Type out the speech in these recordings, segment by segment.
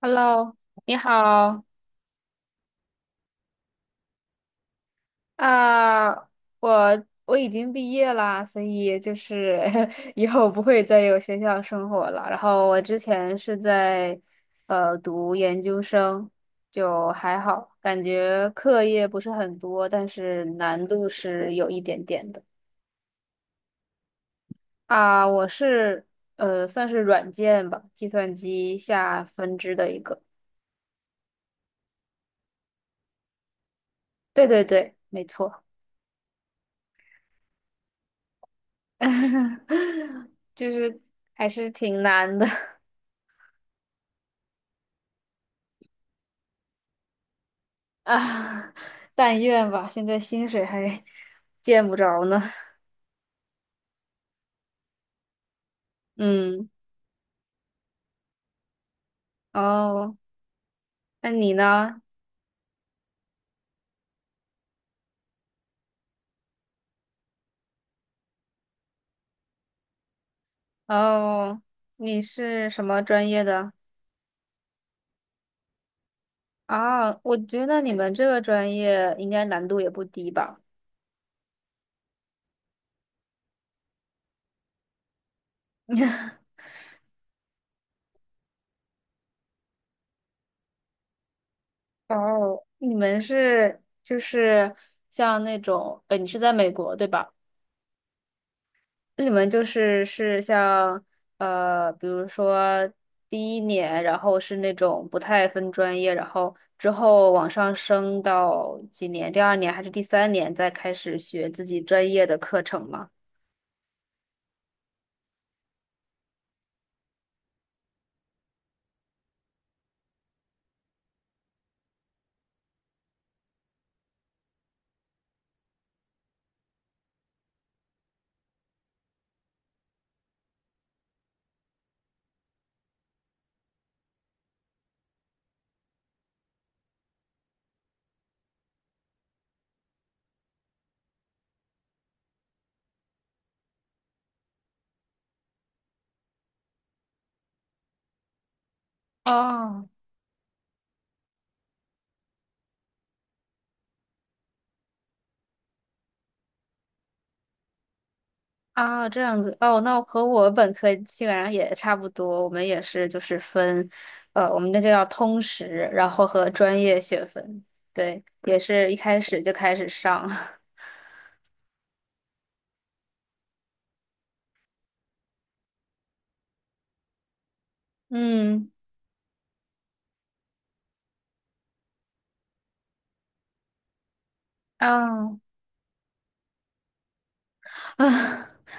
Hello，你好啊。我已经毕业啦，所以就是 以后不会再有学校生活了。然后我之前是在读研究生，就还好，感觉课业不是很多，但是难度是有一点点的。啊，我是算是软件吧，计算机下分支的一个。对对对，没错。就是还是挺难的。啊，但愿吧，现在薪水还见不着呢。嗯，哦，那你呢？哦，你是什么专业的？啊，我觉得你们这个专业应该难度也不低吧？哦，你们是就是像那种，你是在美国对吧？那你们就是是像比如说第一年，然后是那种不太分专业，然后之后往上升到几年，第二年还是第三年再开始学自己专业的课程吗？哦，啊，这样子哦，那我和我本科基本上也差不多，我们也是就是分，我们那就叫通识，然后和专业学分，对，也是一开始就开始上。嗯，啊啊。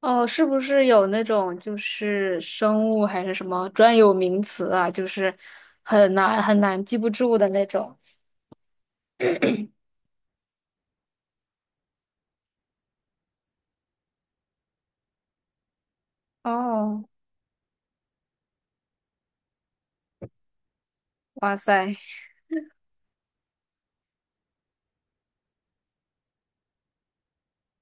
哦，是不是有那种就是生物还是什么专有名词啊？就是很难很难记不住的那种。哦，哇塞，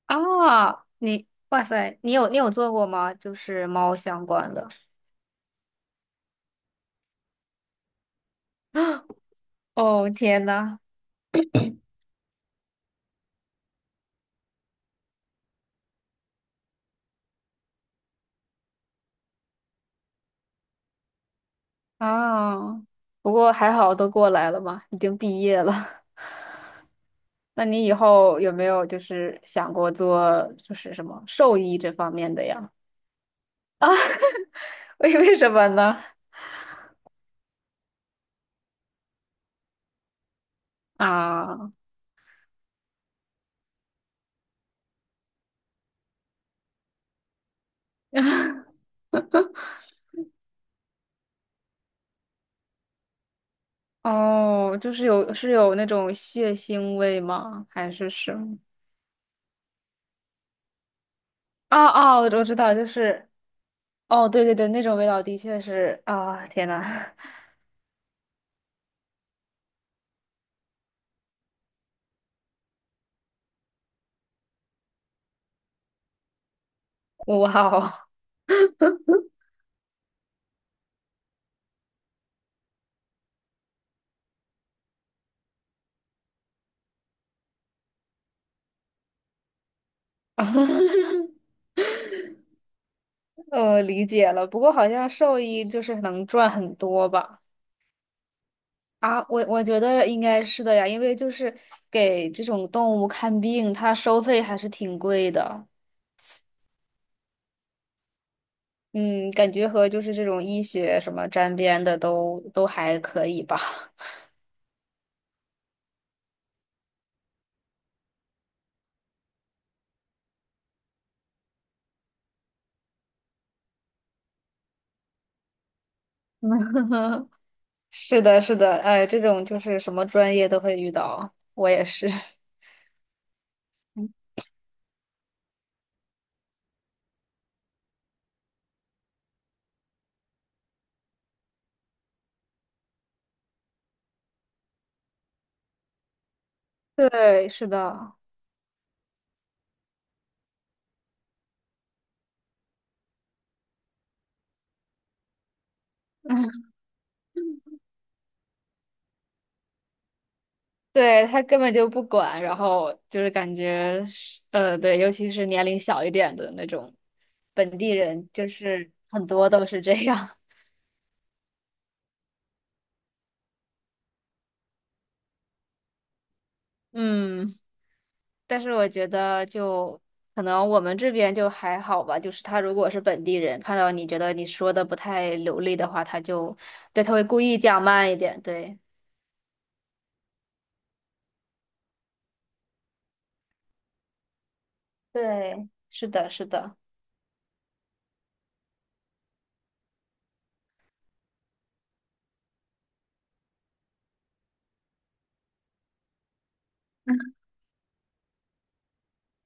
啊，你哇塞，你有做过吗？就是猫相关的。哦，天呐，啊，不过还好都过来了嘛，已经毕业了。那你以后有没有就是想过做就是什么兽医这方面的呀？为什么呢？啊。哦，就是有是有那种血腥味吗？还是什么？哦哦，我知道，就是哦，对对对，那种味道的确是啊，天呐。哇哦。我理解了。不过好像兽医就是能赚很多吧？啊，我我觉得应该是的呀，因为就是给这种动物看病，它收费还是挺贵的。嗯，感觉和就是这种医学什么沾边的都都还可以吧。是的，是的，哎，这种就是什么专业都会遇到，我也是。对，是的。对，他根本就不管，然后就是感觉是对，尤其是年龄小一点的那种本地人，就是很多都是这样。嗯，但是我觉得就可能我们这边就还好吧，就是他如果是本地人，看到你觉得你说的不太流利的话，他就，对，他会故意讲慢一点，对，对，是的，是的。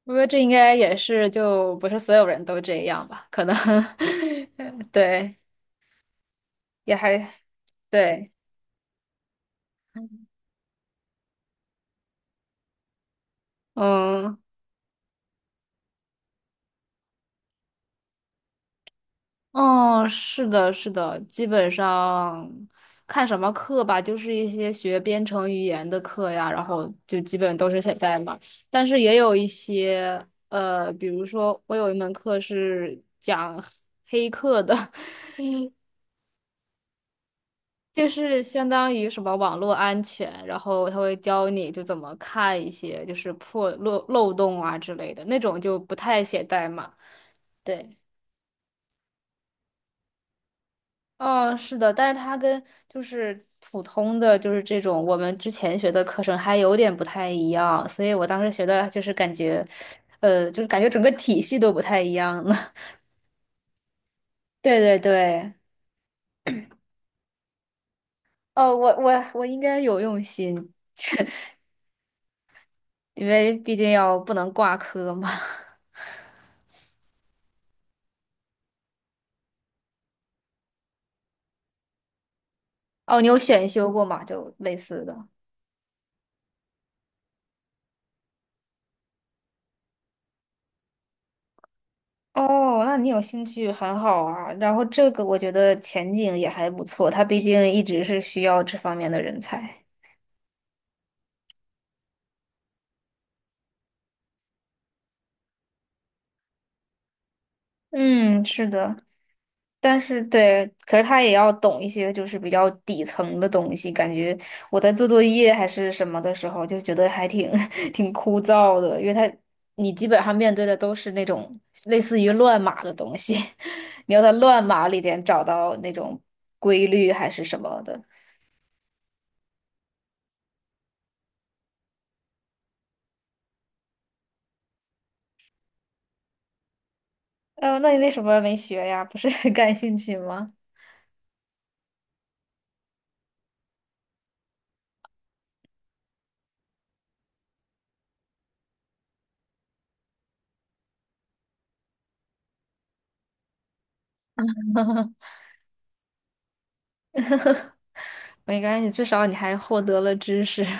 我觉得这应该也是，就不是所有人都这样吧？可能 对，也还对，嗯，哦，是的，是的，基本上看什么课吧，就是一些学编程语言的课呀，然后就基本都是写代码，但是也有一些，比如说我有一门课是讲黑客的。就是相当于什么网络安全，然后他会教你就怎么看一些就是破漏洞啊之类的，那种就不太写代码。对，哦，是的，但是它跟就是普通的就是这种我们之前学的课程还有点不太一样，所以我当时学的就是感觉，就是感觉整个体系都不太一样了。对对对，哦，我应该有用心，因为毕竟要不能挂科嘛。哦，你有选修过吗？就类似的。哦，那你有兴趣很好啊。然后这个我觉得前景也还不错，他毕竟一直是需要这方面的人才。嗯，是的，但是对，可是他也要懂一些就是比较底层的东西。感觉我在做作业还是什么的时候，就觉得还挺 挺枯燥的，因为他你基本上面对的都是那种类似于乱码的东西，你要在乱码里边找到那种规律还是什么的。哦，那你为什么没学呀？不是很感兴趣吗？没关系，至少你还获得了知识。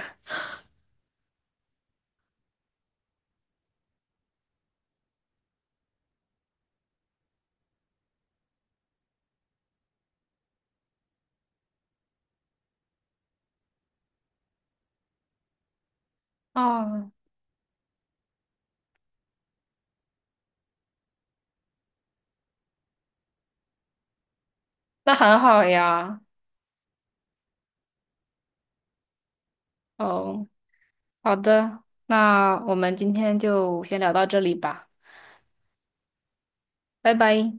哦，那很好呀。哦，好的，那我们今天就先聊到这里吧，拜拜。